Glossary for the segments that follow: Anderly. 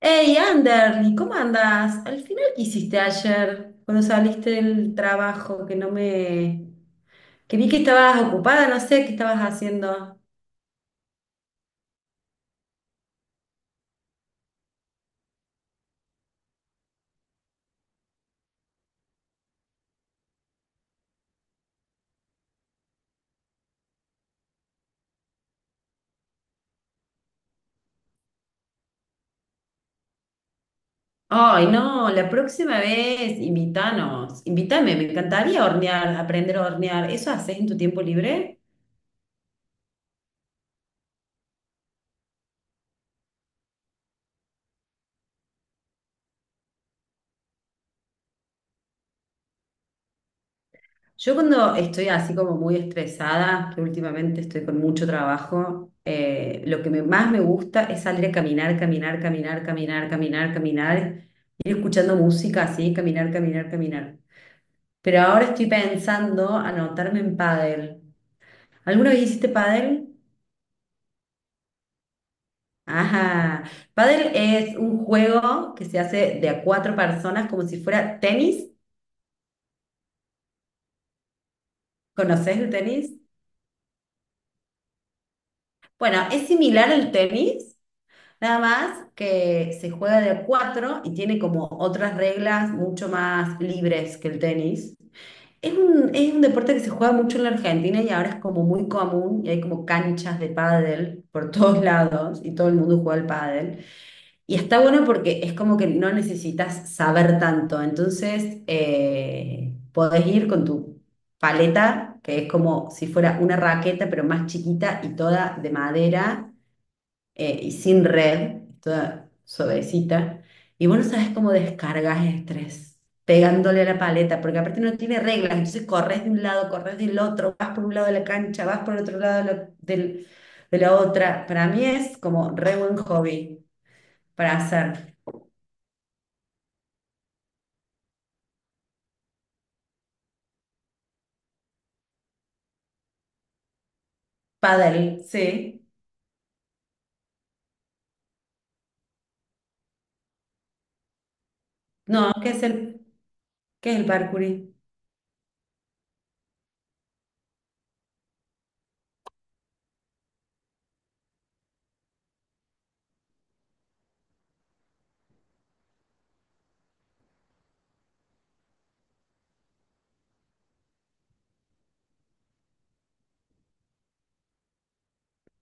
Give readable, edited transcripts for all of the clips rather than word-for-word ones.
Hey, Anderly, ¿cómo andás? Al final, ¿qué hiciste ayer cuando saliste del trabajo? Que no me... Que vi que estabas ocupada, no sé qué estabas haciendo. Ay, no, la próxima vez, invítanos, invítame, me encantaría hornear, aprender a hornear. ¿Eso haces en tu tiempo libre? Yo cuando estoy así como muy estresada, que últimamente estoy con mucho trabajo, lo que más me gusta es salir a caminar, caminar, caminar, caminar, caminar, caminar, ir escuchando música así, caminar, caminar, caminar. Pero ahora estoy pensando anotarme en pádel. ¿Alguna vez hiciste pádel? Ajá. Pádel es un juego que se hace de a cuatro personas como si fuera tenis. ¿Conoces el tenis? Bueno, es similar al tenis. Nada más que se juega de a cuatro y tiene como otras reglas mucho más libres que el tenis. Es un deporte que se juega mucho en la Argentina y ahora es como muy común y hay como canchas de pádel por todos lados y todo el mundo juega al pádel. Y está bueno porque es como que no necesitas saber tanto, entonces podés ir con tu paleta, que es como si fuera una raqueta pero más chiquita y toda de madera, y sin red, toda suavecita. Y vos no sabes cómo descargas estrés, pegándole a la paleta, porque aparte no tiene reglas, entonces corres de un lado, corres del otro, vas por un lado de la cancha, vas por el otro lado de de la otra. Para mí es como re buen hobby para hacer. Paddle, sí. No, ¿qué es qué es el parkour?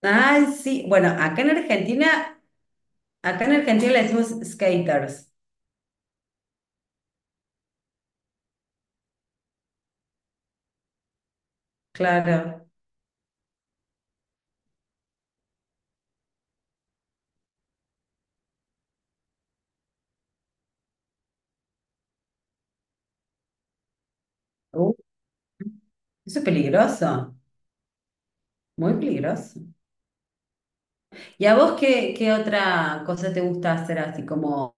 Ay, sí. Acá en Argentina le decimos skaters, claro. Eso es peligroso, muy peligroso. ¿Y a vos qué, qué otra cosa te gusta hacer así como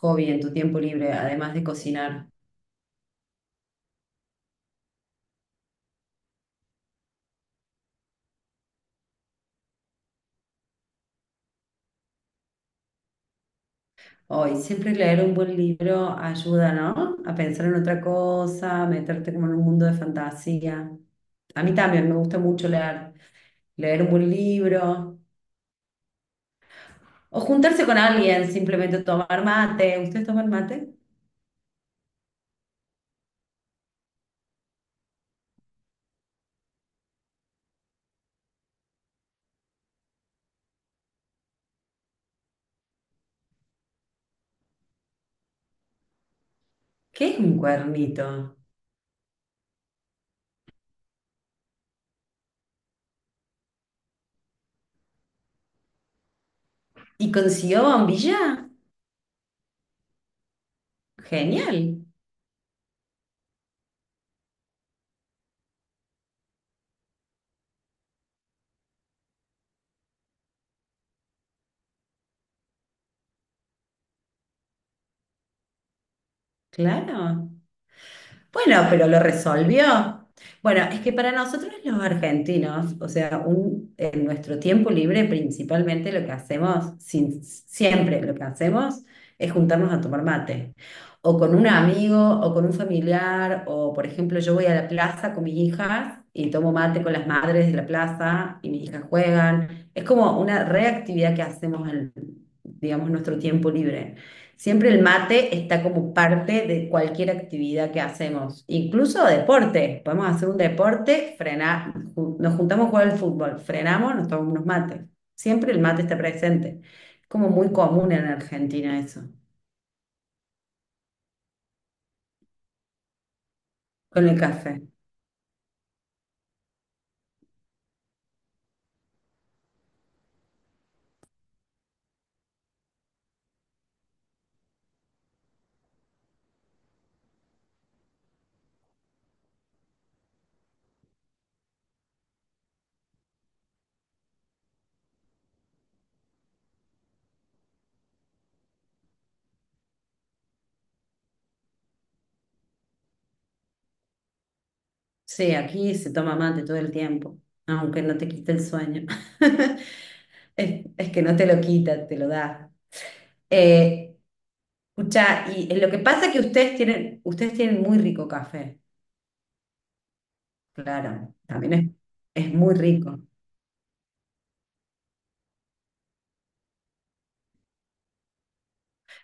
hobby en tu tiempo libre, además de cocinar? Hoy, siempre leer un buen libro ayuda, ¿no? A pensar en otra cosa, meterte como en un mundo de fantasía. A mí también me gusta mucho leer, leer un buen libro o juntarse con alguien, simplemente tomar mate. ¿Ustedes toman mate? ¿Qué es un cuernito? ¿Y consiguió bombilla? Genial. Claro. Bueno, pero lo resolvió. Bueno, es que para nosotros los argentinos, o sea, en nuestro tiempo libre principalmente lo que hacemos, siempre lo que hacemos es juntarnos a tomar mate, o con un amigo, o con un familiar, o por ejemplo yo voy a la plaza con mis hijas y tomo mate con las madres de la plaza y mis hijas juegan. Es como una reactividad que hacemos en, digamos, nuestro tiempo libre. Siempre el mate está como parte de cualquier actividad que hacemos, incluso deporte. Podemos hacer un deporte, frenar, nos juntamos a jugar al fútbol, frenamos, nos tomamos unos mates. Siempre el mate está presente. Es como muy común en Argentina eso, con el café. Sí, aquí se toma mate todo el tiempo, aunque no te quite el sueño. Es que no te lo quita, te lo da. Eh, escucha, y lo que pasa es que ustedes tienen muy rico café. Claro, también es muy rico.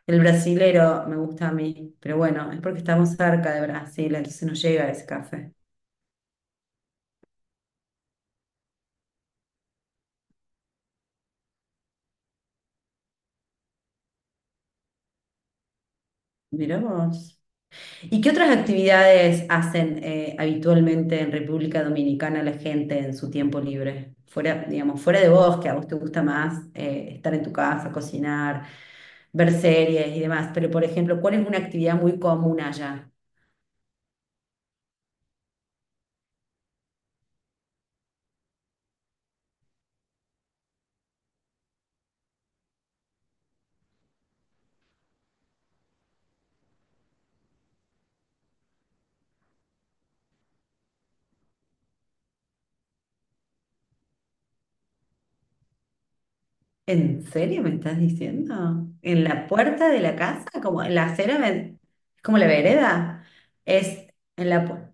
El brasilero me gusta a mí, pero bueno, es porque estamos cerca de Brasil, entonces nos llega ese café. Mirá vos. ¿Y qué otras actividades hacen habitualmente en República Dominicana la gente en su tiempo libre? Fuera, digamos, fuera de vos, que a vos te gusta más estar en tu casa, cocinar, ver series y demás, pero por ejemplo, ¿cuál es una actividad muy común allá? ¿En serio me estás diciendo? ¿En la puerta de la casa? ¿Como en la acera? ¿Como la vereda? Es en la pu-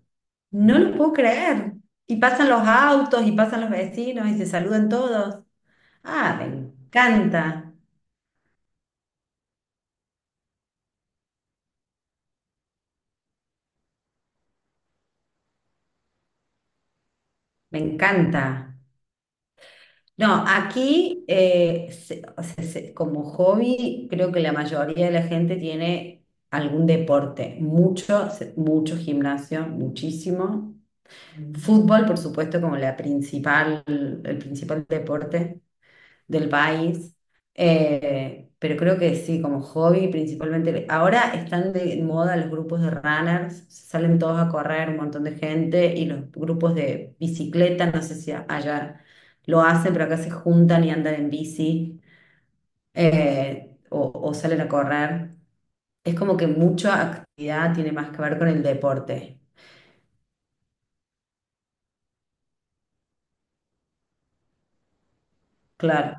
No lo puedo creer. Y pasan los autos y pasan los vecinos y se saludan todos. Ah, me encanta. Me encanta. No, aquí, o sea, como hobby, creo que la mayoría de la gente tiene algún deporte, mucho, mucho gimnasio, muchísimo. Fútbol, por supuesto, como la principal, el principal deporte del país. Pero creo que sí, como hobby principalmente. Ahora están de moda los grupos de runners, salen todos a correr, un montón de gente, y los grupos de bicicleta, no sé si allá lo hacen, pero acá se juntan y andan en bici, o salen a correr. Es como que mucha actividad tiene más que ver con el deporte. Claro.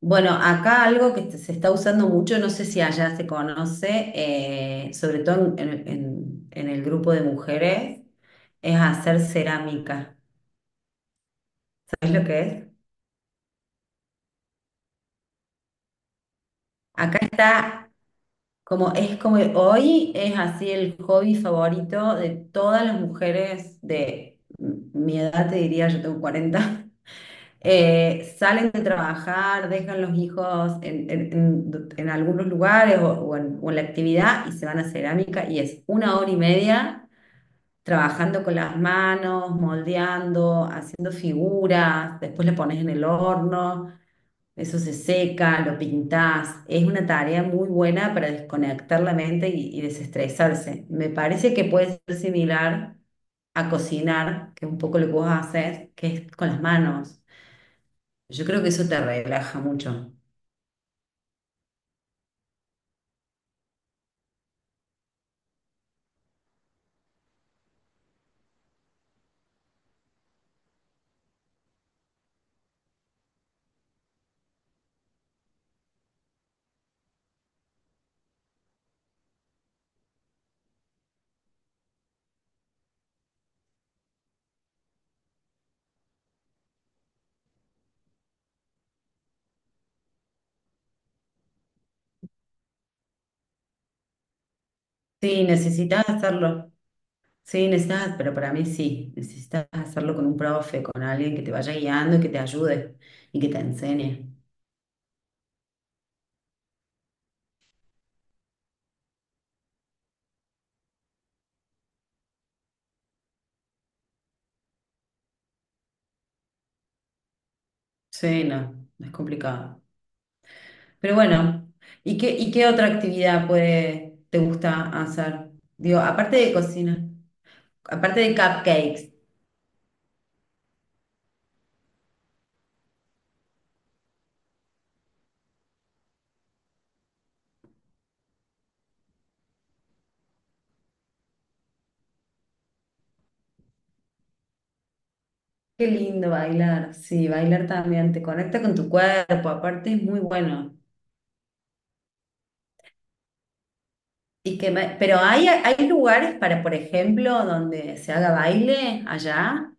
Bueno, acá algo que se está usando mucho, no sé si allá se conoce, sobre todo en, en el grupo de mujeres, es hacer cerámica. ¿Sabes lo que es? Acá está. Como es como que hoy es así el hobby favorito de todas las mujeres de mi edad, te diría, yo tengo cuarenta. Eh, salen de trabajar, dejan los hijos en, en algunos lugares o, o en la actividad y se van a cerámica y es una hora y media trabajando con las manos, moldeando, haciendo figuras, después le pones en el horno. Eso se seca, lo pintás. Es una tarea muy buena para desconectar la mente y desestresarse. Me parece que puede ser similar a cocinar, que es un poco lo que vos haces, que es con las manos. Yo creo que eso te relaja mucho. Sí, necesitas hacerlo. Sí, necesitas, pero para mí sí. Necesitas hacerlo con un profe, con alguien que te vaya guiando y que te ayude y que te enseñe. Sí, no, no es complicado. Pero bueno, y qué otra actividad puede, te gusta hacer? Digo, aparte de cocina, aparte de cupcakes. Qué lindo bailar. Sí, bailar también te conecta con tu cuerpo, aparte es muy bueno. Pero hay lugares para, por ejemplo, donde se haga baile allá.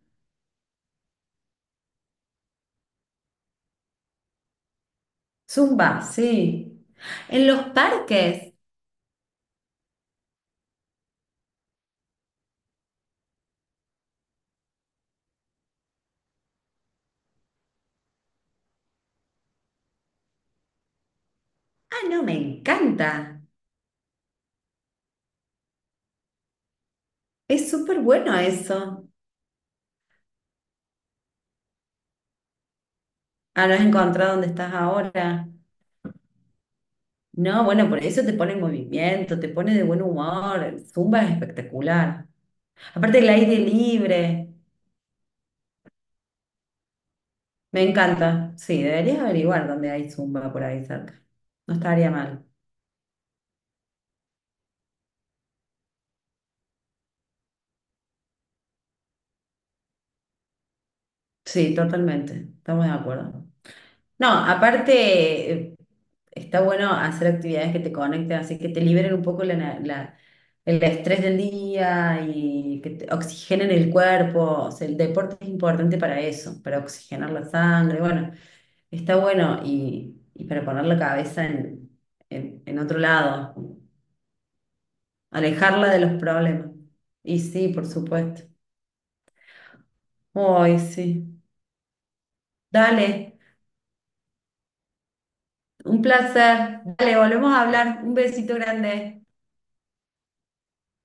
Zumba, sí. En los parques. Ah, no, me encanta. Es súper bueno eso. Ah, no has encontrado dónde estás ahora. No, bueno, por eso te pone en movimiento, te pone de buen humor. El Zumba es espectacular. Aparte el aire libre. Me encanta. Sí, deberías averiguar dónde hay Zumba por ahí cerca. No estaría mal. Sí, totalmente. Estamos de acuerdo. No, aparte, está bueno hacer actividades que te conecten, así que te liberen un poco el estrés del día y que te oxigenen el cuerpo. O sea, el deporte es importante para eso, para oxigenar la sangre. Bueno, está bueno y para poner la cabeza en, en otro lado, alejarla de los problemas. Y sí, por supuesto. Ay, sí. Dale, un placer. Dale, volvemos a hablar. Un besito grande.